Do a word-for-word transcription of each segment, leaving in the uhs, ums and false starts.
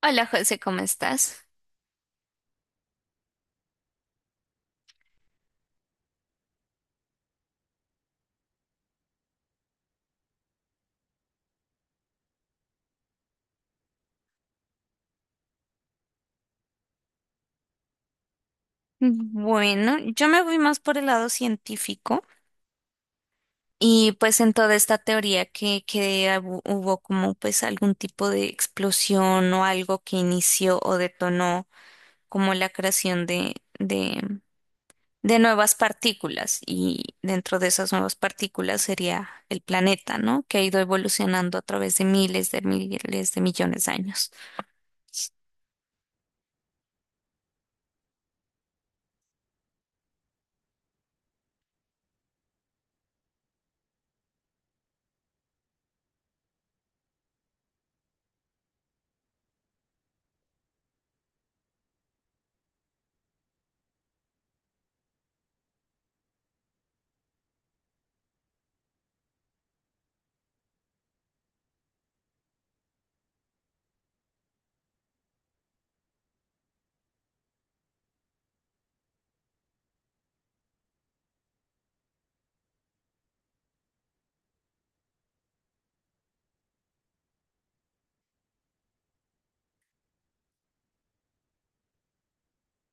Hola José, ¿cómo estás? Bueno, yo me voy más por el lado científico y pues en toda esta teoría que, que hubo hubo como pues algún tipo de explosión o algo que inició o detonó como la creación de, de nuevas partículas, y dentro de esas nuevas partículas sería el planeta, ¿no? Que ha ido evolucionando a través de miles de miles de millones de años.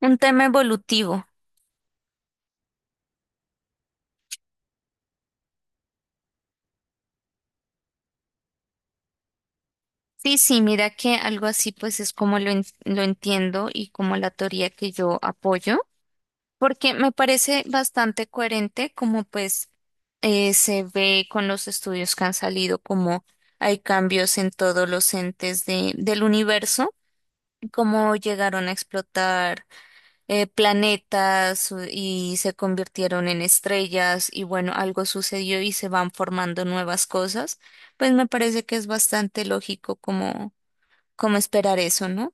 Un tema evolutivo. Sí, sí, mira que algo así pues es como lo, en- lo entiendo y como la teoría que yo apoyo, porque me parece bastante coherente como pues eh, se ve con los estudios que han salido, como hay cambios en todos los entes de, del universo, cómo llegaron a explotar eh, planetas u- y se convirtieron en estrellas, y bueno, algo sucedió y se van formando nuevas cosas. Pues me parece que es bastante lógico como, como esperar eso, ¿no?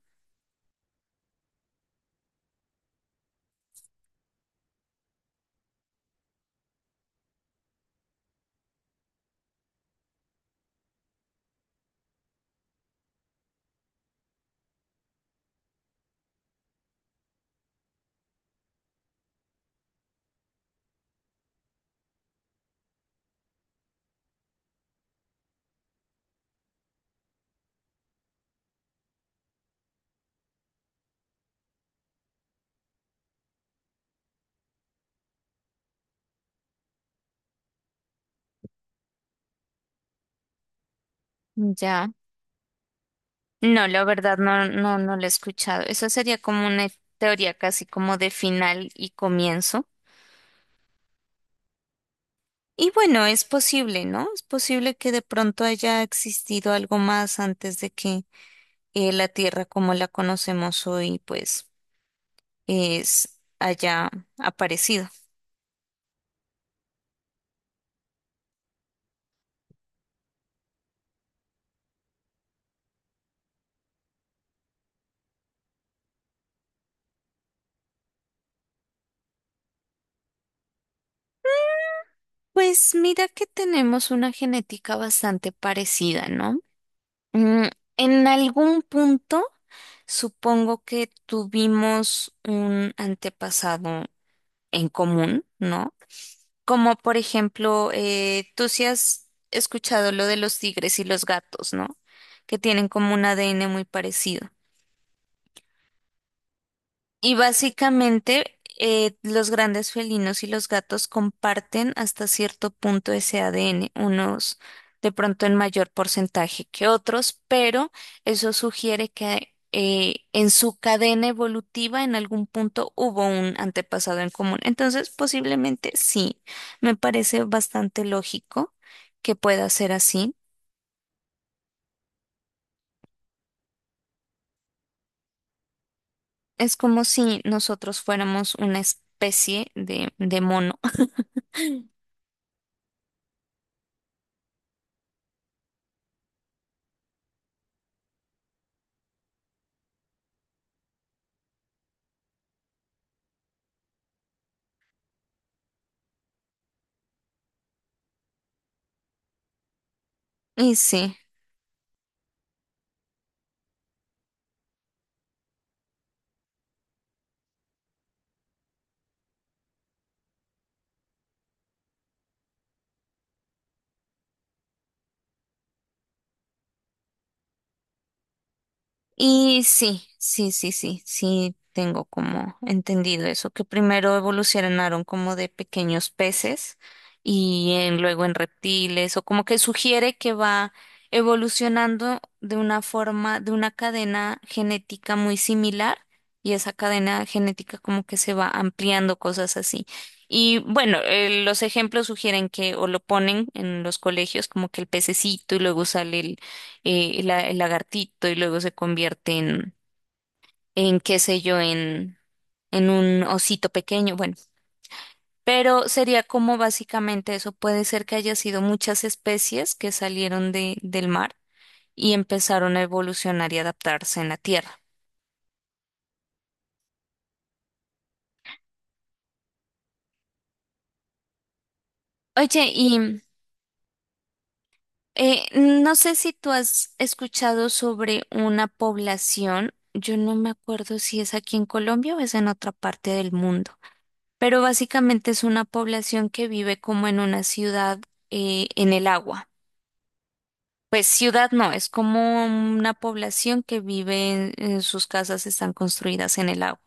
Ya. No, la verdad no, no, no lo he escuchado. Eso sería como una teoría casi como de final y comienzo. Y bueno, es posible, ¿no? Es posible que de pronto haya existido algo más antes de que eh, la Tierra como la conocemos hoy, pues es haya aparecido. Pues mira que tenemos una genética bastante parecida, ¿no? Mm, en algún punto supongo que tuvimos un antepasado en común, ¿no? Como por ejemplo, eh, tú sí has escuchado lo de los tigres y los gatos, ¿no? Que tienen como un A D N muy parecido. Y básicamente eh, los grandes felinos y los gatos comparten hasta cierto punto ese A D N, unos de pronto en mayor porcentaje que otros, pero eso sugiere que eh, en su cadena evolutiva en algún punto hubo un antepasado en común. Entonces, posiblemente sí, me parece bastante lógico que pueda ser así. Es como si nosotros fuéramos una especie de, de mono. Y sí. Y sí, sí, sí, sí, sí, tengo como entendido eso, que primero evolucionaron como de pequeños peces y en- luego en reptiles, o como que sugiere que va evolucionando de una forma, de una cadena genética muy similar, y esa cadena genética como que se va ampliando, cosas así. Y bueno, eh, los ejemplos sugieren que o lo ponen en los colegios como que el pececito y luego sale eh, la- el lagartito y luego se convierte en, en qué sé yo, en, en un osito pequeño, bueno, pero sería como básicamente eso, puede ser que haya sido muchas especies que salieron de, del mar y empezaron a evolucionar y adaptarse en la Tierra. Oye, y eh, no sé si tú has escuchado sobre una población, yo no me acuerdo si es aquí en Colombia o es en otra parte del mundo, pero básicamente es una población que vive como en una ciudad eh, en el agua. Pues ciudad no, es como una población que vive en, en sus casas están construidas en el agua.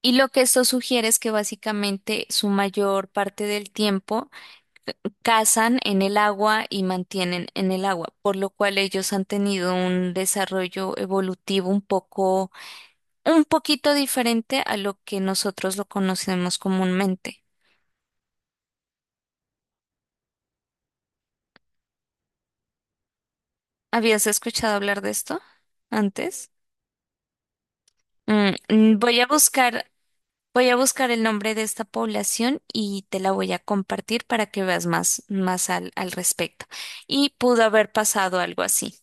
Y lo que esto sugiere es que básicamente su mayor parte del tiempo cazan en el agua y mantienen en el agua, por lo cual ellos han tenido un desarrollo evolutivo un poco, un poquito diferente a lo que nosotros lo conocemos comúnmente. ¿Habías escuchado hablar de esto antes? Mm, mm, voy a buscar, voy a buscar el nombre de esta población y te la voy a compartir para que veas más, más al, al respecto. Y pudo haber pasado algo así.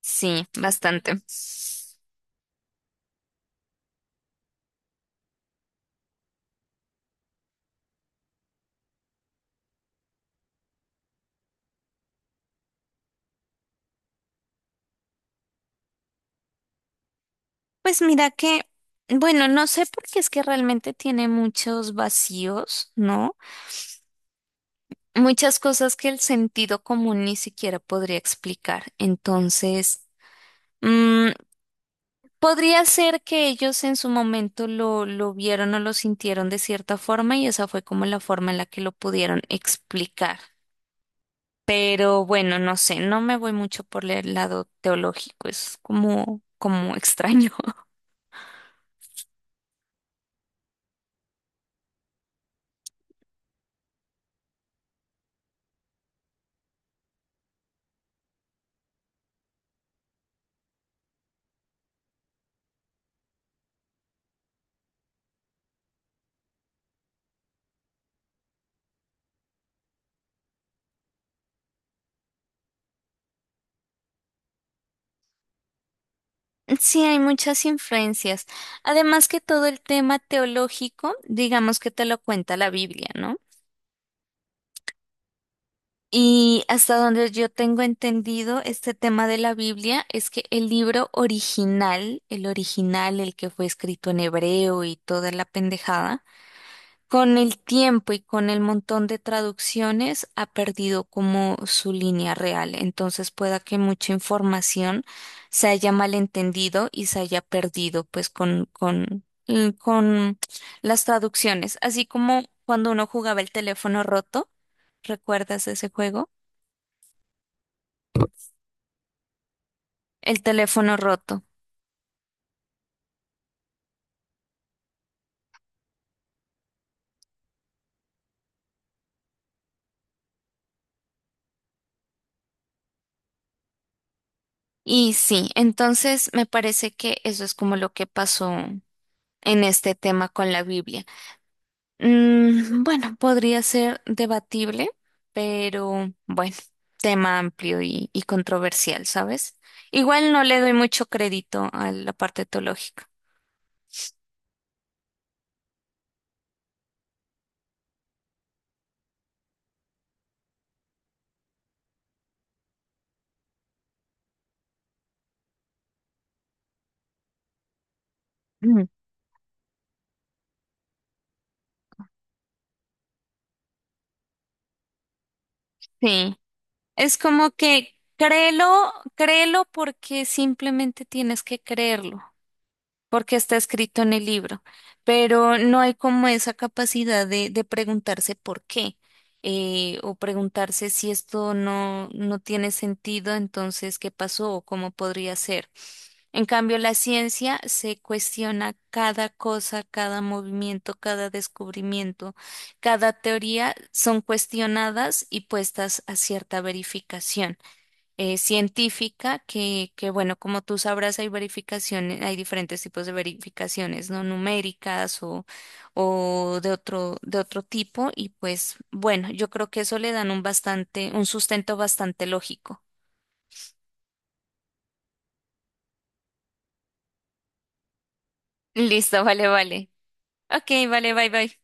Sí, bastante. Pues mira que, bueno, no sé, porque es que realmente tiene muchos vacíos, ¿no? Muchas cosas que el sentido común ni siquiera podría explicar. Entonces, mm, podría ser que ellos en su momento lo, lo vieron o lo sintieron de cierta forma, y esa fue como la forma en la que lo pudieron explicar. Pero bueno, no sé, no me voy mucho por el lado teológico, es como, como extraño. Sí, hay muchas influencias. Además que todo el tema teológico, digamos que te lo cuenta la Biblia, ¿no? Y hasta donde yo tengo entendido, este tema de la Biblia es que el libro original, el original, el que fue escrito en hebreo y toda la pendejada, con el tiempo y con el montón de traducciones ha perdido como su línea real. Entonces pueda que mucha información se haya malentendido y se haya perdido pues con, con, y con las traducciones. Así como cuando uno jugaba el teléfono roto, ¿recuerdas ese juego? El teléfono roto. Y sí, entonces me parece que eso es como lo que pasó en este tema con la Biblia. Mm, bueno, podría ser debatible, pero bueno, tema amplio y, y controversial, ¿sabes? Igual no le doy mucho crédito a la parte teológica. Mm. Sí, es como que créelo, créelo porque simplemente tienes que creerlo, porque está escrito en el libro, pero no hay como esa capacidad de, de preguntarse por qué eh, o preguntarse si esto no, no tiene sentido, entonces qué pasó o cómo podría ser. En cambio, la ciencia se cuestiona cada cosa, cada movimiento, cada descubrimiento, cada teoría son cuestionadas y puestas a cierta verificación eh, científica que, que, bueno, como tú sabrás, hay verificaciones, hay diferentes tipos de verificaciones, no numéricas o, o de otro, de otro tipo, y pues, bueno, yo creo que eso le dan un bastante, un sustento bastante lógico. Listo, vale, vale. Ok, vale, bye, bye.